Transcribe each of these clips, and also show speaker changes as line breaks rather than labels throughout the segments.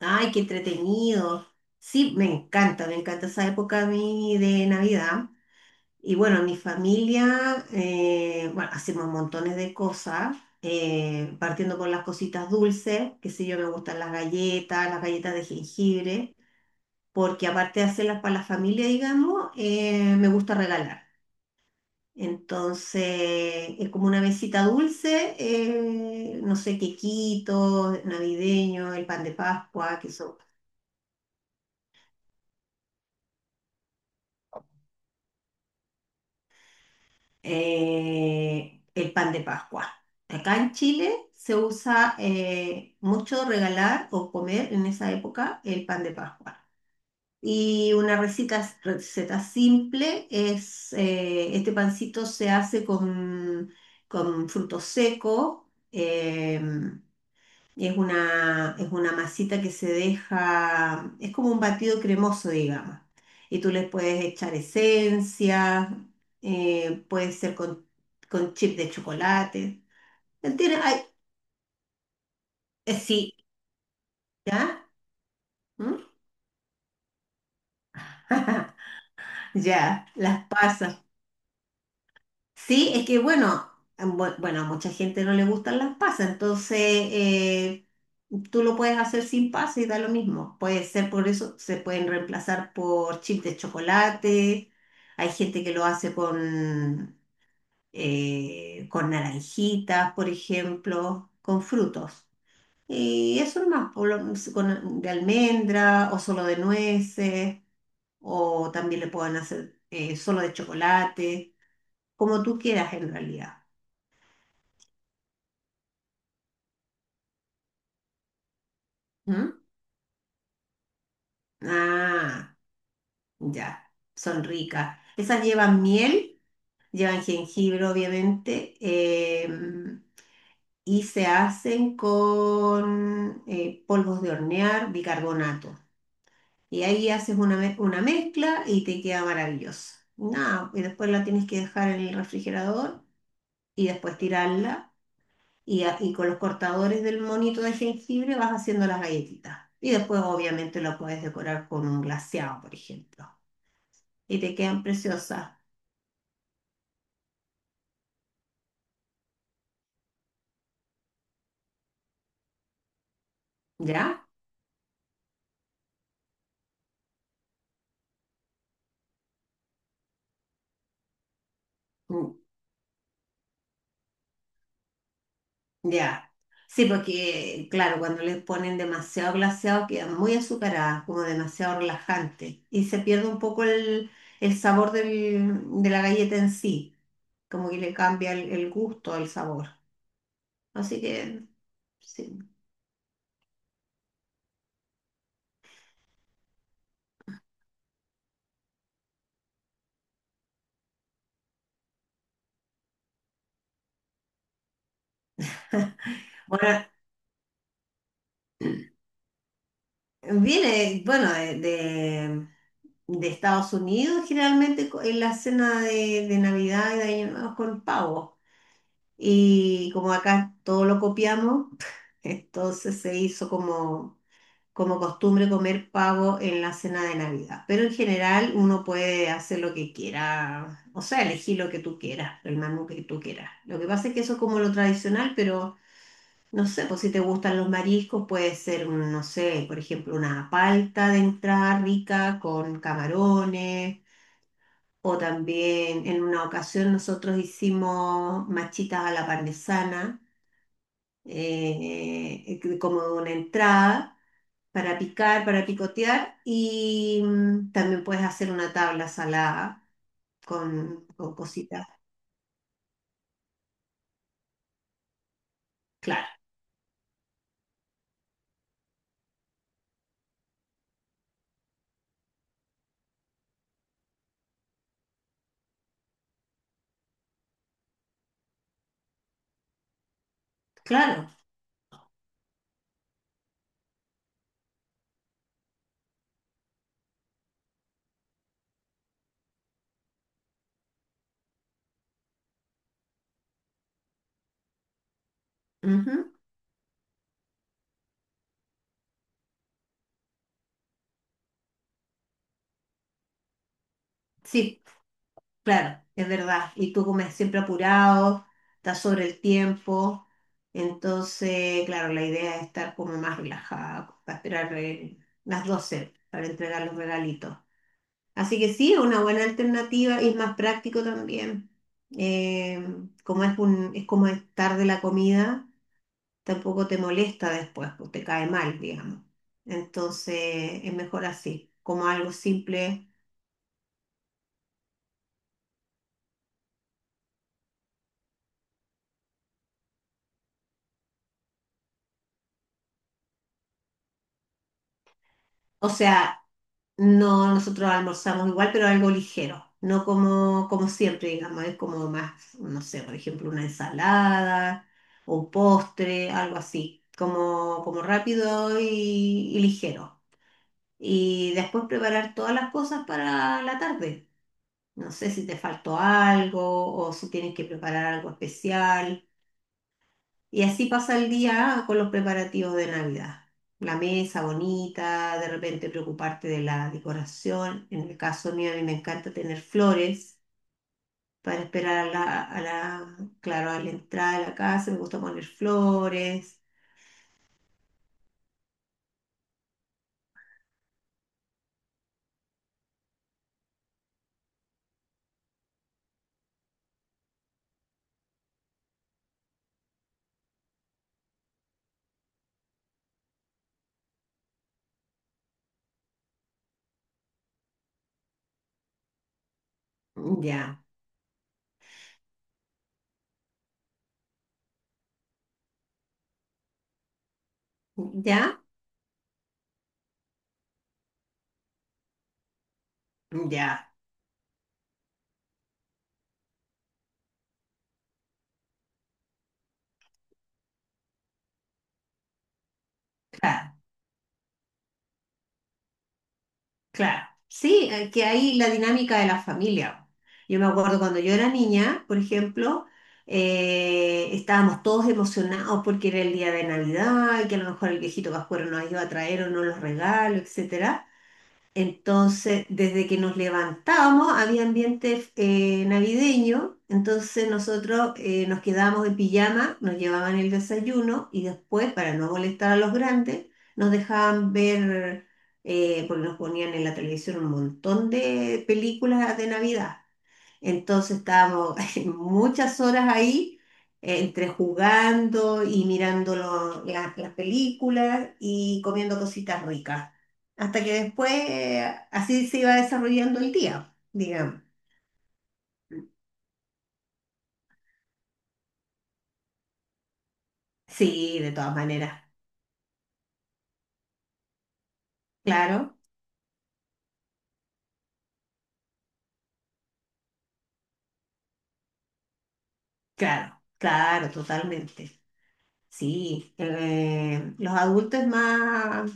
Ay, qué entretenido. Sí, me encanta esa época a mí de Navidad. Y bueno, mi familia, hacemos montones de cosas, partiendo por las cositas dulces, que sé yo, me gustan las galletas de jengibre, porque aparte de hacerlas para la familia, digamos, me gusta regalar. Entonces, es como una mesita dulce, no sé, quequitos navideños, el pan de Pascua, que son el pan de Pascua. Acá en Chile se usa mucho regalar o comer en esa época el pan de Pascua. Y una receta simple es, este pancito se hace con frutos secos, em, es es una masita que se deja, es como un batido cremoso, digamos. Y tú le puedes echar esencia, puede ser con chip de chocolate. Él tiene, ay, sí, ¿ya? ¿Mm? Ya, las pasas. Sí, es que bueno, bueno, a mucha gente no le gustan las pasas, entonces tú lo puedes hacer sin pasas y da lo mismo. Puede ser por eso, se pueden reemplazar por chips de chocolate, hay gente que lo hace con naranjitas, por ejemplo, con frutos. Y eso nomás, con, de almendra o solo de nueces, o también le pueden hacer solo de chocolate, como tú quieras en realidad. ¿Mm? Ah, ya, son ricas. Esas llevan miel, llevan jengibre, obviamente, em, y se hacen con polvos de hornear, bicarbonato. Y ahí haces una mezcla y te queda maravilloso. Nada, y después la tienes que dejar en el refrigerador y después tirarla. Y con los cortadores del monito de jengibre vas haciendo las galletitas. Y después, obviamente, lo puedes decorar con un glaseado, por ejemplo. Y te quedan preciosas, ¿ya? Mm. Ya. Sí, porque, claro, cuando le ponen demasiado glaseado quedan muy azucaradas, como demasiado relajantes, y se pierde un poco el, de la galleta en sí, como que le cambia el gusto, el sabor. Así que, sí. Bueno, viene, bueno, de Estados Unidos, generalmente en la cena de Navidad y de Año Nuevo con pavo. Y como acá todo lo copiamos, entonces se hizo como, como costumbre comer pavo en la cena de Navidad. Pero en general uno puede hacer lo que quiera, o sea, elegir lo que tú quieras, el menú que tú quieras. Lo que pasa es que eso es como lo tradicional, pero no sé, pues si te gustan los mariscos, puede ser, un, no sé, por ejemplo, una palta de entrada rica con camarones. O también en una ocasión nosotros hicimos machitas a la parmesana como una entrada para picar, para picotear y mm, también puedes hacer una tabla salada con cositas. Claro, claro. Ujú. Sí, claro, es verdad. Y tú comes siempre apurado, estás sobre el tiempo. Entonces, claro, la idea es estar como más relajada para esperar las 12 para entregar los regalitos. Así que sí, es una buena alternativa y es más práctico también. Eh, como es un, es como estar de la comida, tampoco te molesta después, pues te cae mal, digamos. Entonces, es mejor así, como algo simple. O sea, no nosotros almorzamos igual, pero algo ligero. No como, como siempre, digamos, es como más, no sé, por ejemplo, una ensalada o un postre, algo así, como, como rápido y ligero. Y después preparar todas las cosas para la tarde. No sé si te faltó algo o si tienes que preparar algo especial. Y así pasa el día con los preparativos de Navidad. La mesa bonita, de repente preocuparte de la decoración. En el caso mío, a mí me encanta tener flores para esperar a claro, a la entrada de la casa. Me gusta poner flores. Ya, ya, ya. Claro. Claro, sí, que hay la dinámica de la familia. Yo me acuerdo cuando yo era niña, por ejemplo, estábamos todos emocionados porque era el día de Navidad y que a lo mejor el viejito Pascuero nos iba a traer o no los regalos, etcétera. Entonces, desde que nos levantábamos había ambiente navideño, entonces nosotros nos quedábamos en pijama, nos llevaban el desayuno y después, para no molestar a los grandes, nos dejaban ver, porque nos ponían en la televisión un montón de películas de Navidad. Entonces estábamos muchas horas ahí, entre jugando y mirando las películas y comiendo cositas ricas. Hasta que después así se iba desarrollando el día, digamos. Sí, de todas maneras. Claro, claro, claro, totalmente. Sí, los adultos es más,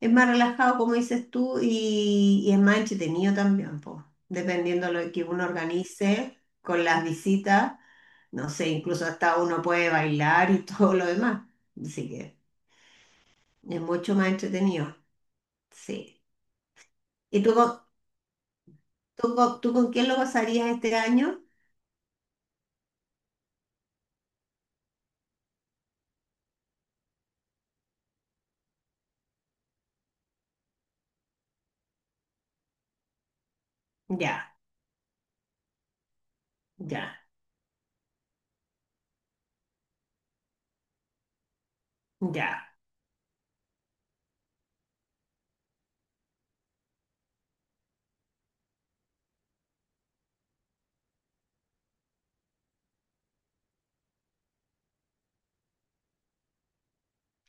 es más relajado, como dices tú, y es más entretenido también, pues, dependiendo de lo que uno organice con las visitas, no sé, incluso hasta uno puede bailar y todo lo demás. Así que es mucho más entretenido, sí. ¿Y tú, tú con quién lo pasarías este año? Ya, ya, ya,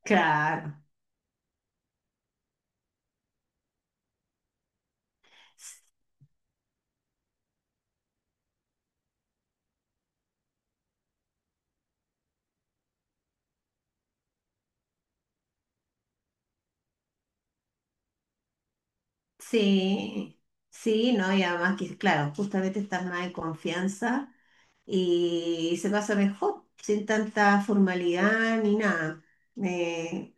claro. Sí, sí, ¿no? Y además que, claro, justamente estás más en confianza. Y se pasa mejor, sin tanta formalidad ni nada, eh,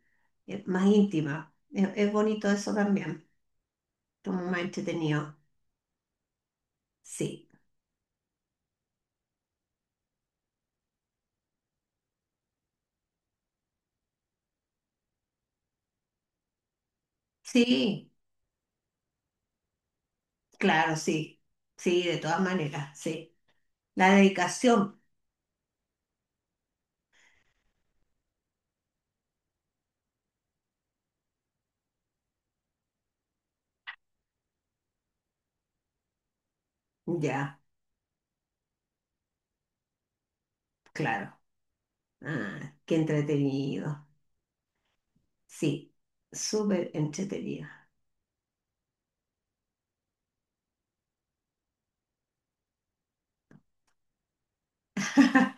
es más íntima. Es bonito eso también, como más entretenido. Sí, sí, claro, sí, sí, de todas maneras, sí. La dedicación, ya, claro. Ah, qué entretenido, sí, súper entretenido.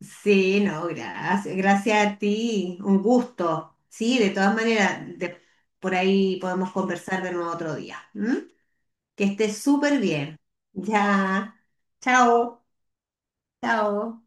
Sí, no, gracias. Gracias a ti. Un gusto. Sí, de todas maneras, de- por ahí podemos conversar de nuevo otro día. ¿M? Que estés súper bien. Ya. Chao. Chao.